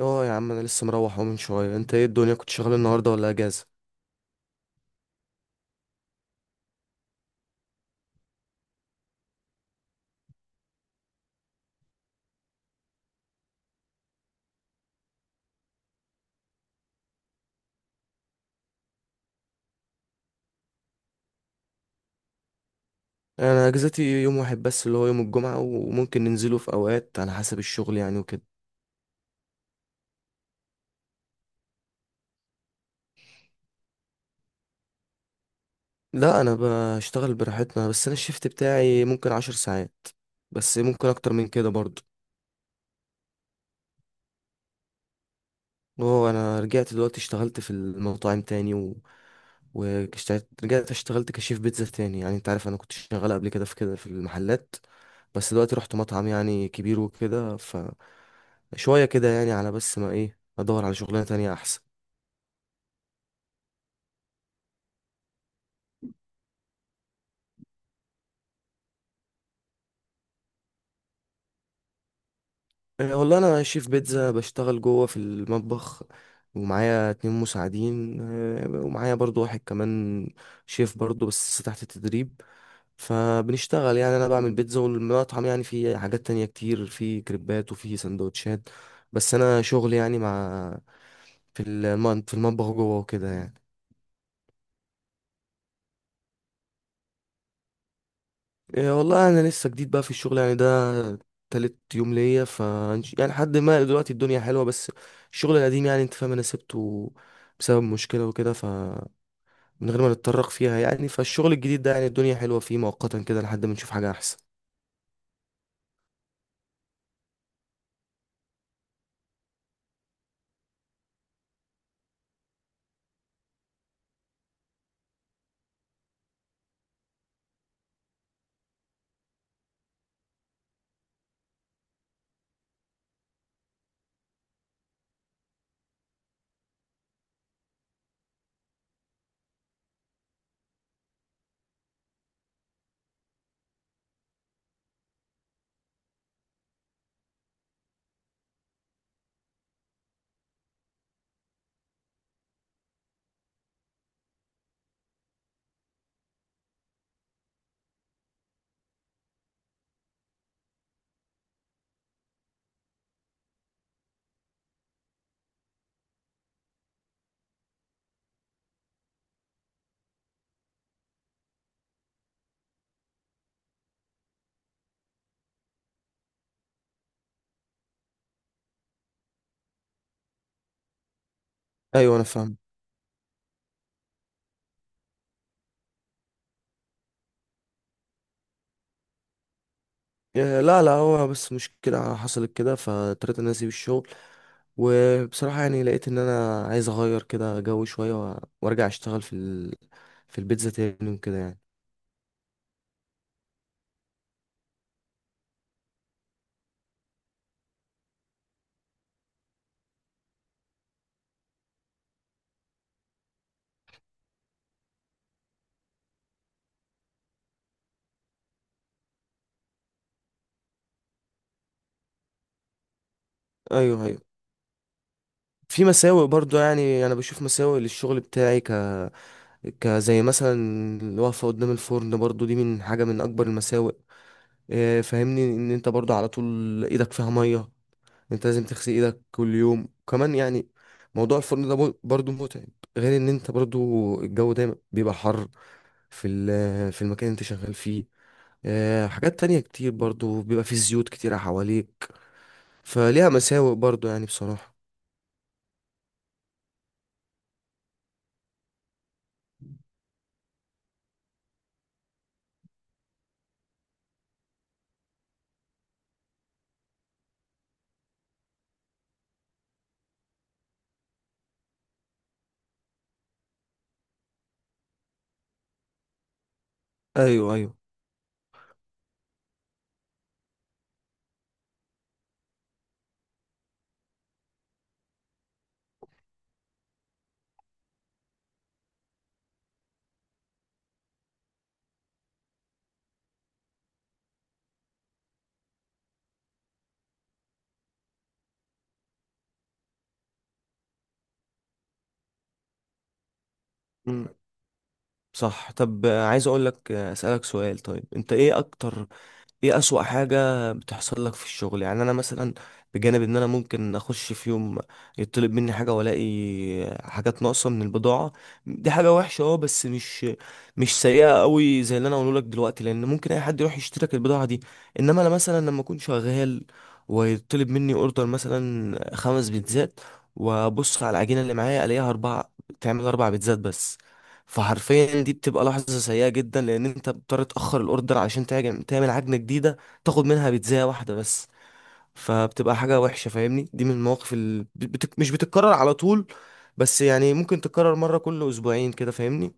اه يا عم انا لسه مروح اهو من شويه. انت ايه الدنيا؟ كنت شغال النهارده ولا اجازه؟ انا اجازتي يوم واحد بس اللي هو يوم الجمعه، وممكن ننزله في اوقات على حسب الشغل يعني وكده. لا انا بشتغل براحتنا، بس انا الشيفت بتاعي ممكن عشر ساعات، بس ممكن اكتر من كده برضه. اه انا رجعت دلوقتي اشتغلت في المطاعم تاني و... واشتغلت رجعت اشتغلت كشيف بيتزا تاني، يعني انت عارف انا كنت شغال قبل كده في كده في المحلات، بس دلوقتي رحت مطعم يعني كبير وكده ف شوية كده يعني على بس ما ايه، ادور على شغلانة تانية احسن. إيه والله انا شيف بيتزا بشتغل جوه في المطبخ، ومعايا اتنين مساعدين، ومعايا برضو واحد كمان شيف برضو بس تحت التدريب. فبنشتغل يعني انا بعمل بيتزا، والمطعم يعني في حاجات تانية كتير، في كريبات وفي سندوتشات، بس انا شغل يعني مع في في المطبخ جوه وكده يعني. إيه والله انا لسه جديد بقى في الشغل يعني ده، تالت يوم ليا ف يعني لحد ما دلوقتي الدنيا حلوة، بس الشغل القديم يعني انت فاهم انا سبته بسبب مشكلة وكده، فمن غير ما نتطرق فيها يعني، فالشغل الجديد ده يعني الدنيا حلوة فيه مؤقتا كده لحد ما نشوف حاجة احسن. ايوه انا فاهم. لا لا، هو بس مشكلة حصلت كده، فاضطريت ان انا اسيب الشغل. وبصراحة يعني لقيت ان انا عايز اغير كده جو شوية وارجع اشتغل في في البيتزا تاني وكده يعني. ايوه ايوه. في مساوئ برضو، يعني انا بشوف مساوئ للشغل بتاعي كزي مثلا الوقفة قدام الفرن، برضو دي من حاجة من اكبر المساوئ. فاهمني ان انت برضو على طول ايدك فيها مية، انت لازم تغسل ايدك كل يوم كمان يعني. موضوع الفرن ده برضو متعب، غير ان انت برضو الجو دايما بيبقى حر في في المكان اللي انت شغال فيه. حاجات تانية كتير برضو، بيبقى فيه زيوت كتيرة حواليك. فليها مساوئ برضو يعني بصراحة. ايوه ايوه. مم. صح. طب عايز اقول لك اسالك سؤال. طيب انت ايه اكتر، ايه اسوأ حاجة بتحصل لك في الشغل؟ يعني انا مثلا بجانب ان انا ممكن اخش في يوم يطلب مني حاجة، والاقي حاجات ناقصة من البضاعة، دي حاجة وحشة. اه بس مش مش سيئة قوي زي اللي انا اقوله لك دلوقتي، لان ممكن اي حد يروح يشترك البضاعة دي. انما انا مثلا لما اكون شغال ويطلب مني اوردر مثلا خمس بيتزات، وابص على العجينة اللي معايا الاقيها اربعة، تعمل اربع بيتزات بس. فحرفيا دي بتبقى لحظة سيئة جدا، لأن أنت بتضطر تأخر الأوردر عشان تعجن، تعمل عجنة جديدة تاخد منها بيتزاية واحدة بس. فبتبقى حاجة وحشة، فاهمني، دي من المواقف اللي مش بتتكرر على طول، بس يعني ممكن تتكرر مرة كل أسبوعين كده، فاهمني.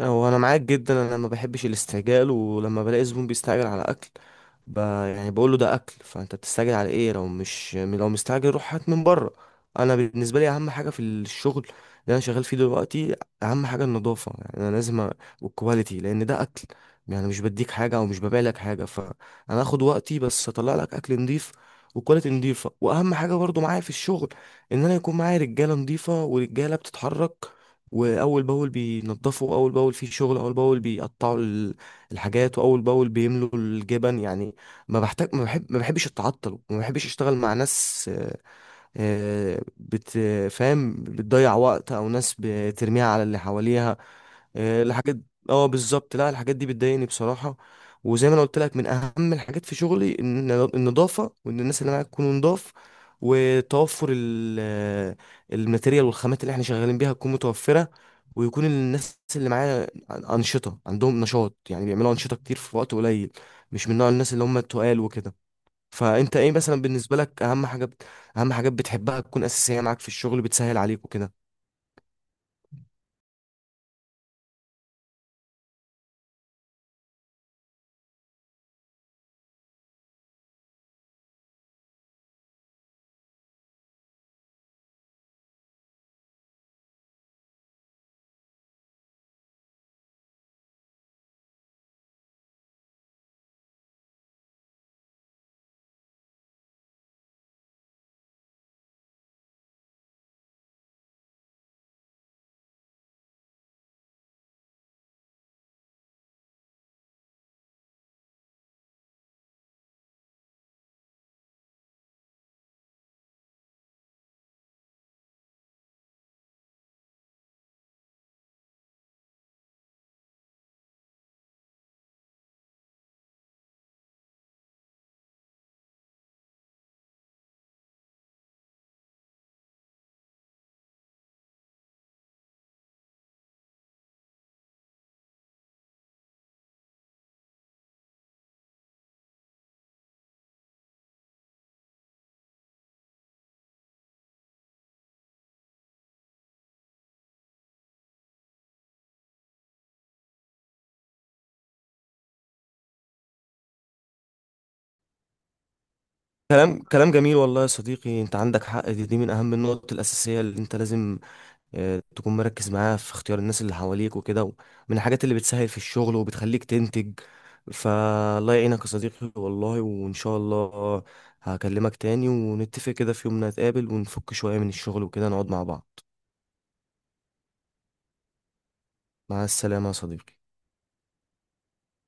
هو انا معاك جدا، انا ما بحبش الاستعجال، ولما بلاقي زبون بيستعجل على اكل ب... يعني بقول له ده اكل، فانت بتستعجل على ايه؟ لو مش، لو مستعجل روح هات من بره. انا بالنسبه لي اهم حاجه في الشغل اللي انا شغال فيه دلوقتي، اهم حاجه النظافه، يعني انا لازم والكواليتي، لان ده اكل، يعني مش بديك حاجه او مش ببيع لك حاجه، فانا هاخد وقتي بس اطلع لك اكل نضيف وكواليتي نضيفه. واهم حاجه برضو معايا في الشغل ان انا يكون معايا رجاله نضيفه، ورجاله بتتحرك واول باول بينضفوا، اول باول في شغل، اول باول بيقطعوا الحاجات، واول باول بيملوا الجبن يعني. ما بحتاج، ما بحبش اتعطل، وما بحبش اشتغل مع ناس بتفهم بتضيع وقت، او ناس بترميها على اللي حواليها. الحاجات، اه بالظبط. لا الحاجات دي بتضايقني بصراحة. وزي ما انا قلت لك، من اهم الحاجات في شغلي ان النظافة، وان الناس اللي معاك تكون نضاف، وتوفر الماتيريال والخامات اللي احنا شغالين بيها تكون متوفرة. ويكون الناس اللي معايا أنشطة، عندهم نشاط، يعني بيعملوا أنشطة كتير في وقت قليل، مش من نوع الناس اللي هم التقال وكده. فانت ايه مثلا بالنسبه لك اهم حاجه اهم حاجات بتحبها تكون اساسيه معاك في الشغل، بتسهل عليك وكده؟ كلام جميل والله يا صديقي، انت عندك حق. دي من اهم النقط الاساسيه اللي انت لازم تكون مركز معاها في اختيار الناس اللي حواليك وكده، من الحاجات اللي بتسهل في الشغل وبتخليك تنتج. فالله يعينك يا صديقي والله، وان شاء الله هكلمك تاني ونتفق كده في يوم، نتقابل ونفك شويه من الشغل وكده، نقعد مع بعض. مع السلامه يا صديقي.